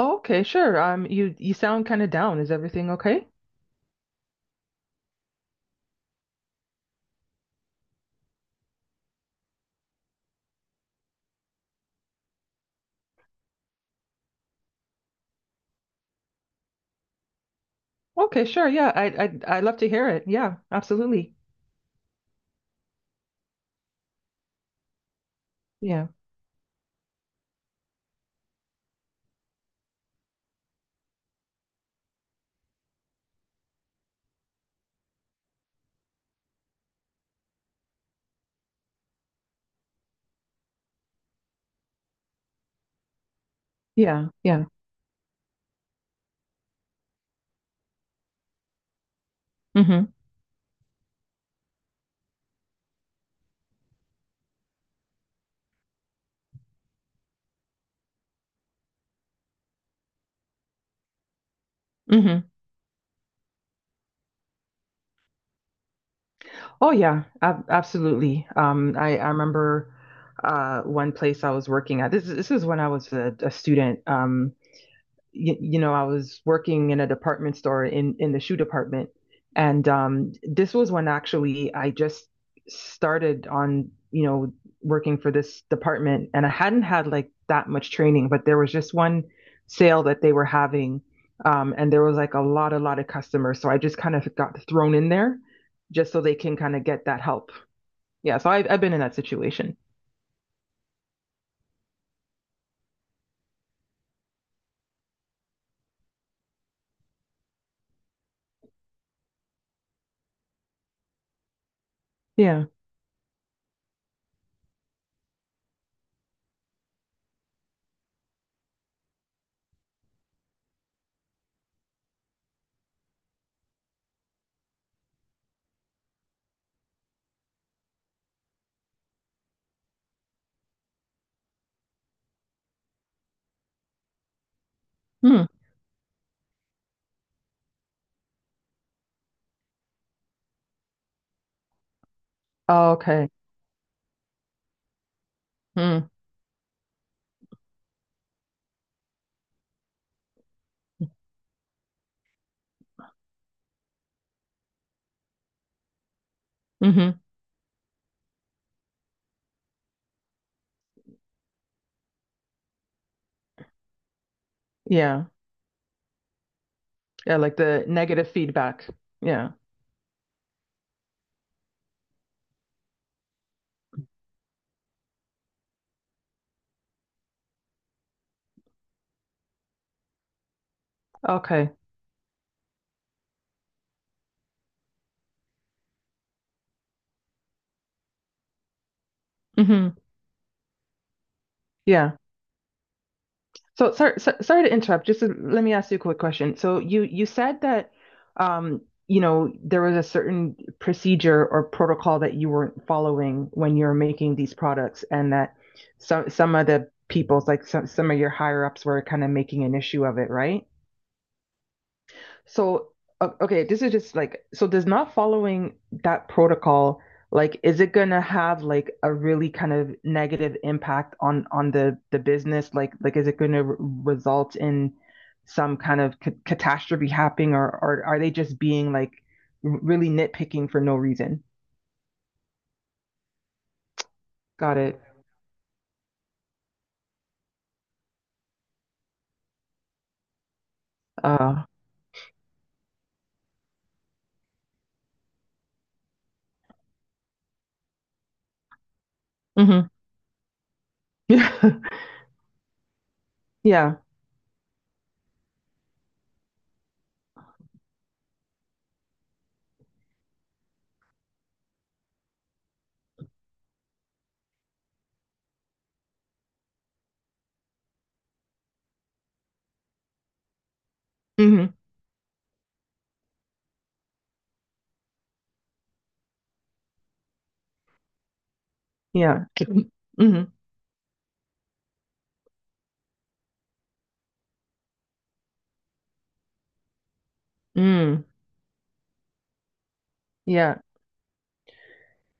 Okay, sure. You sound kind of down. Is everything okay? Okay, sure. Yeah, I love to hear it. Yeah, absolutely. Yeah, yeah, yeah. Mm-hmm. Mm-hmm. Oh yeah, ab absolutely. I remember, one place I was working at. This is when I was a student. I was working in a department store in the shoe department, and this was when actually I just started on, working for this department, and I hadn't had like that much training, but there was just one sale that they were having, and there was like a lot of customers, so I just kind of got thrown in there just so they can kind of get that help. Yeah, so I've been in that situation. Yeah. Hmm. Oh, okay. Hmm. Mm-hmm. Yeah. Yeah, like the negative feedback. Yeah. Okay. Hmm. Yeah. So sorry, sorry to interrupt. Let me ask you a quick question. So you said that um, there was a certain procedure or protocol that you weren't following when you're making these products, and that some of the people's like some of your higher ups were kind of making an issue of it, right? So, okay, this is just like, so does not following that protocol, like, is it gonna have like a really kind of negative impact on the business? Like is it gonna result in some kind of ca catastrophe happening, or are they just being like really nitpicking for no reason? Got it. Uh, hmm. Yeah. Yeah. Hmm. Yeah. Hmm. Mm. Yeah.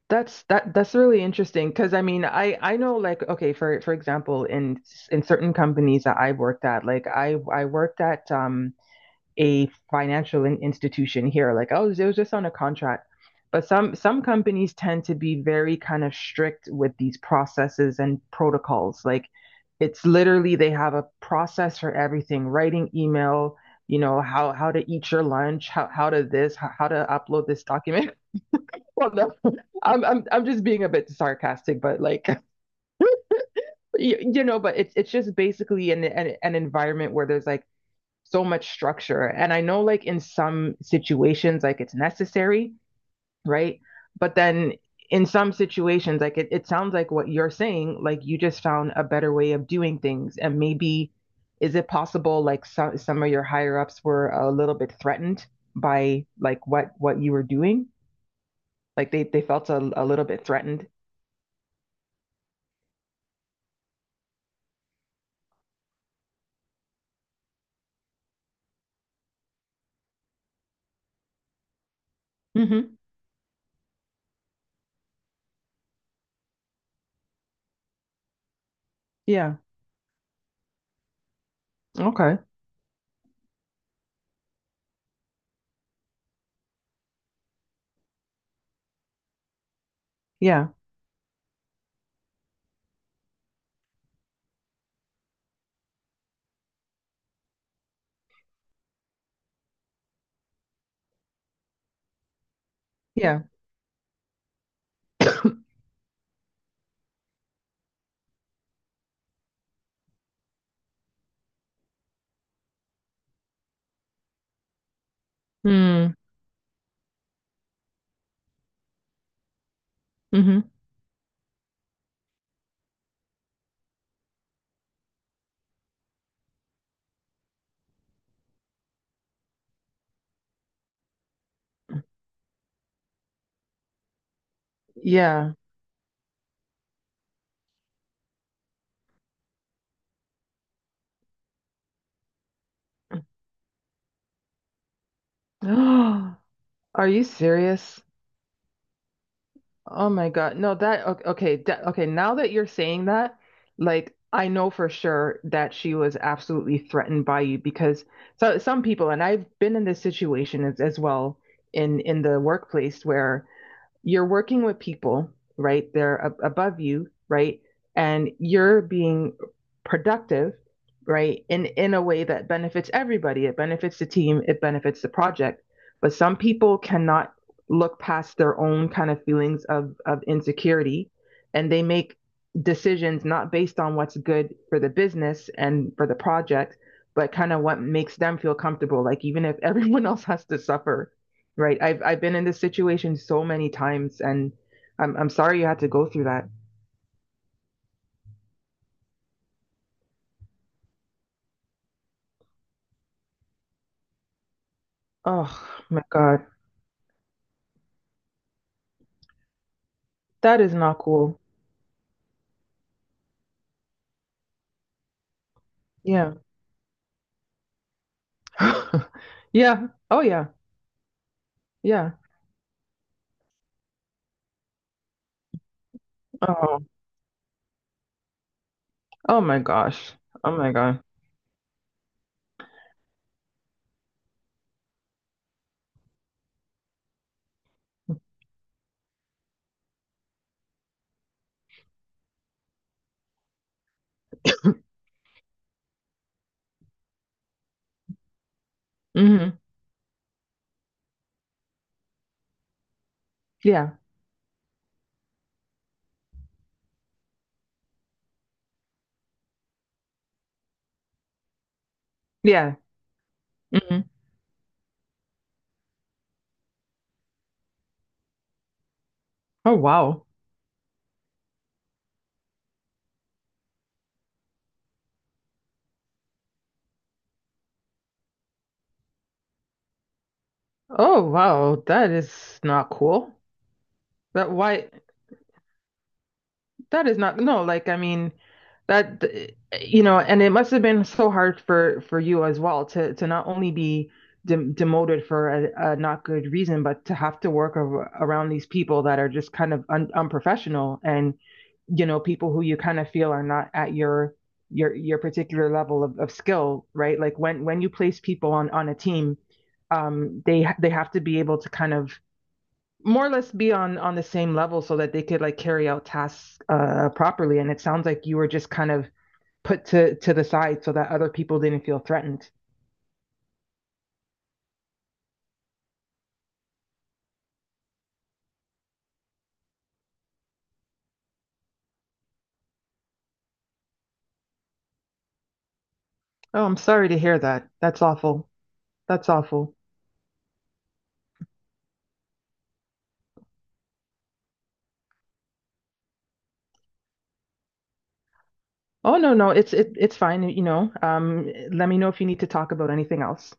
That's really interesting because I mean I know like okay for example in certain companies that I have worked at, like I worked at a financial institution here, like I was, it was just on a contract, but some companies tend to be very kind of strict with these processes and protocols, like it's literally they have a process for everything, writing email, you know, how to eat your lunch, how to this, how to upload this document. Well, no, I'm just being a bit sarcastic, but like you know, but it's just basically an environment where there's like so much structure, and I know like in some situations like it's necessary, right? But then in some situations, like it sounds like what you're saying, like you just found a better way of doing things, and maybe is it possible like some of your higher ups were a little bit threatened by like what you were doing, like they felt a little bit threatened. Yeah. Okay. Yeah. Yeah. Hmm. Mm-hmm. Yeah. Are you serious? Oh my God. No, that, okay, okay, that, okay, now that you're saying that, like I know for sure that she was absolutely threatened by you, because so some people, and I've been in this situation as well, in the workplace, where you're working with people, right? They're above you, right? And you're being productive, right? In a way that benefits everybody. It benefits the team, it benefits the project. But some people cannot look past their own kind of feelings of insecurity, and they make decisions not based on what's good for the business and for the project, but kind of what makes them feel comfortable. Like even if everyone else has to suffer. Right. I've been in this situation so many times, and I'm sorry you had to go through that. Oh my God. That is not cool. Yeah. Yeah. Oh yeah. Yeah. Oh. Oh my gosh. Oh my God. Hmm. Yeah. Yeah. Hmm. Oh wow. Oh wow. That is not cool. That why. That is not, no, like I mean that, you know, and it must have been so hard for you as well, to not only be de demoted for a not good reason, but to have to work ar around these people that are just kind of un unprofessional, and you know, people who you kind of feel are not at your your particular level of skill, right? Like when you place people on a team, they they have to be able to kind of more or less be on the same level so that they could like carry out tasks properly, and it sounds like you were just kind of put to the side so that other people didn't feel threatened. Oh, I'm sorry to hear that. That's awful. That's awful. Oh no, no, it, it's fine, you know. Let me know if you need to talk about anything else.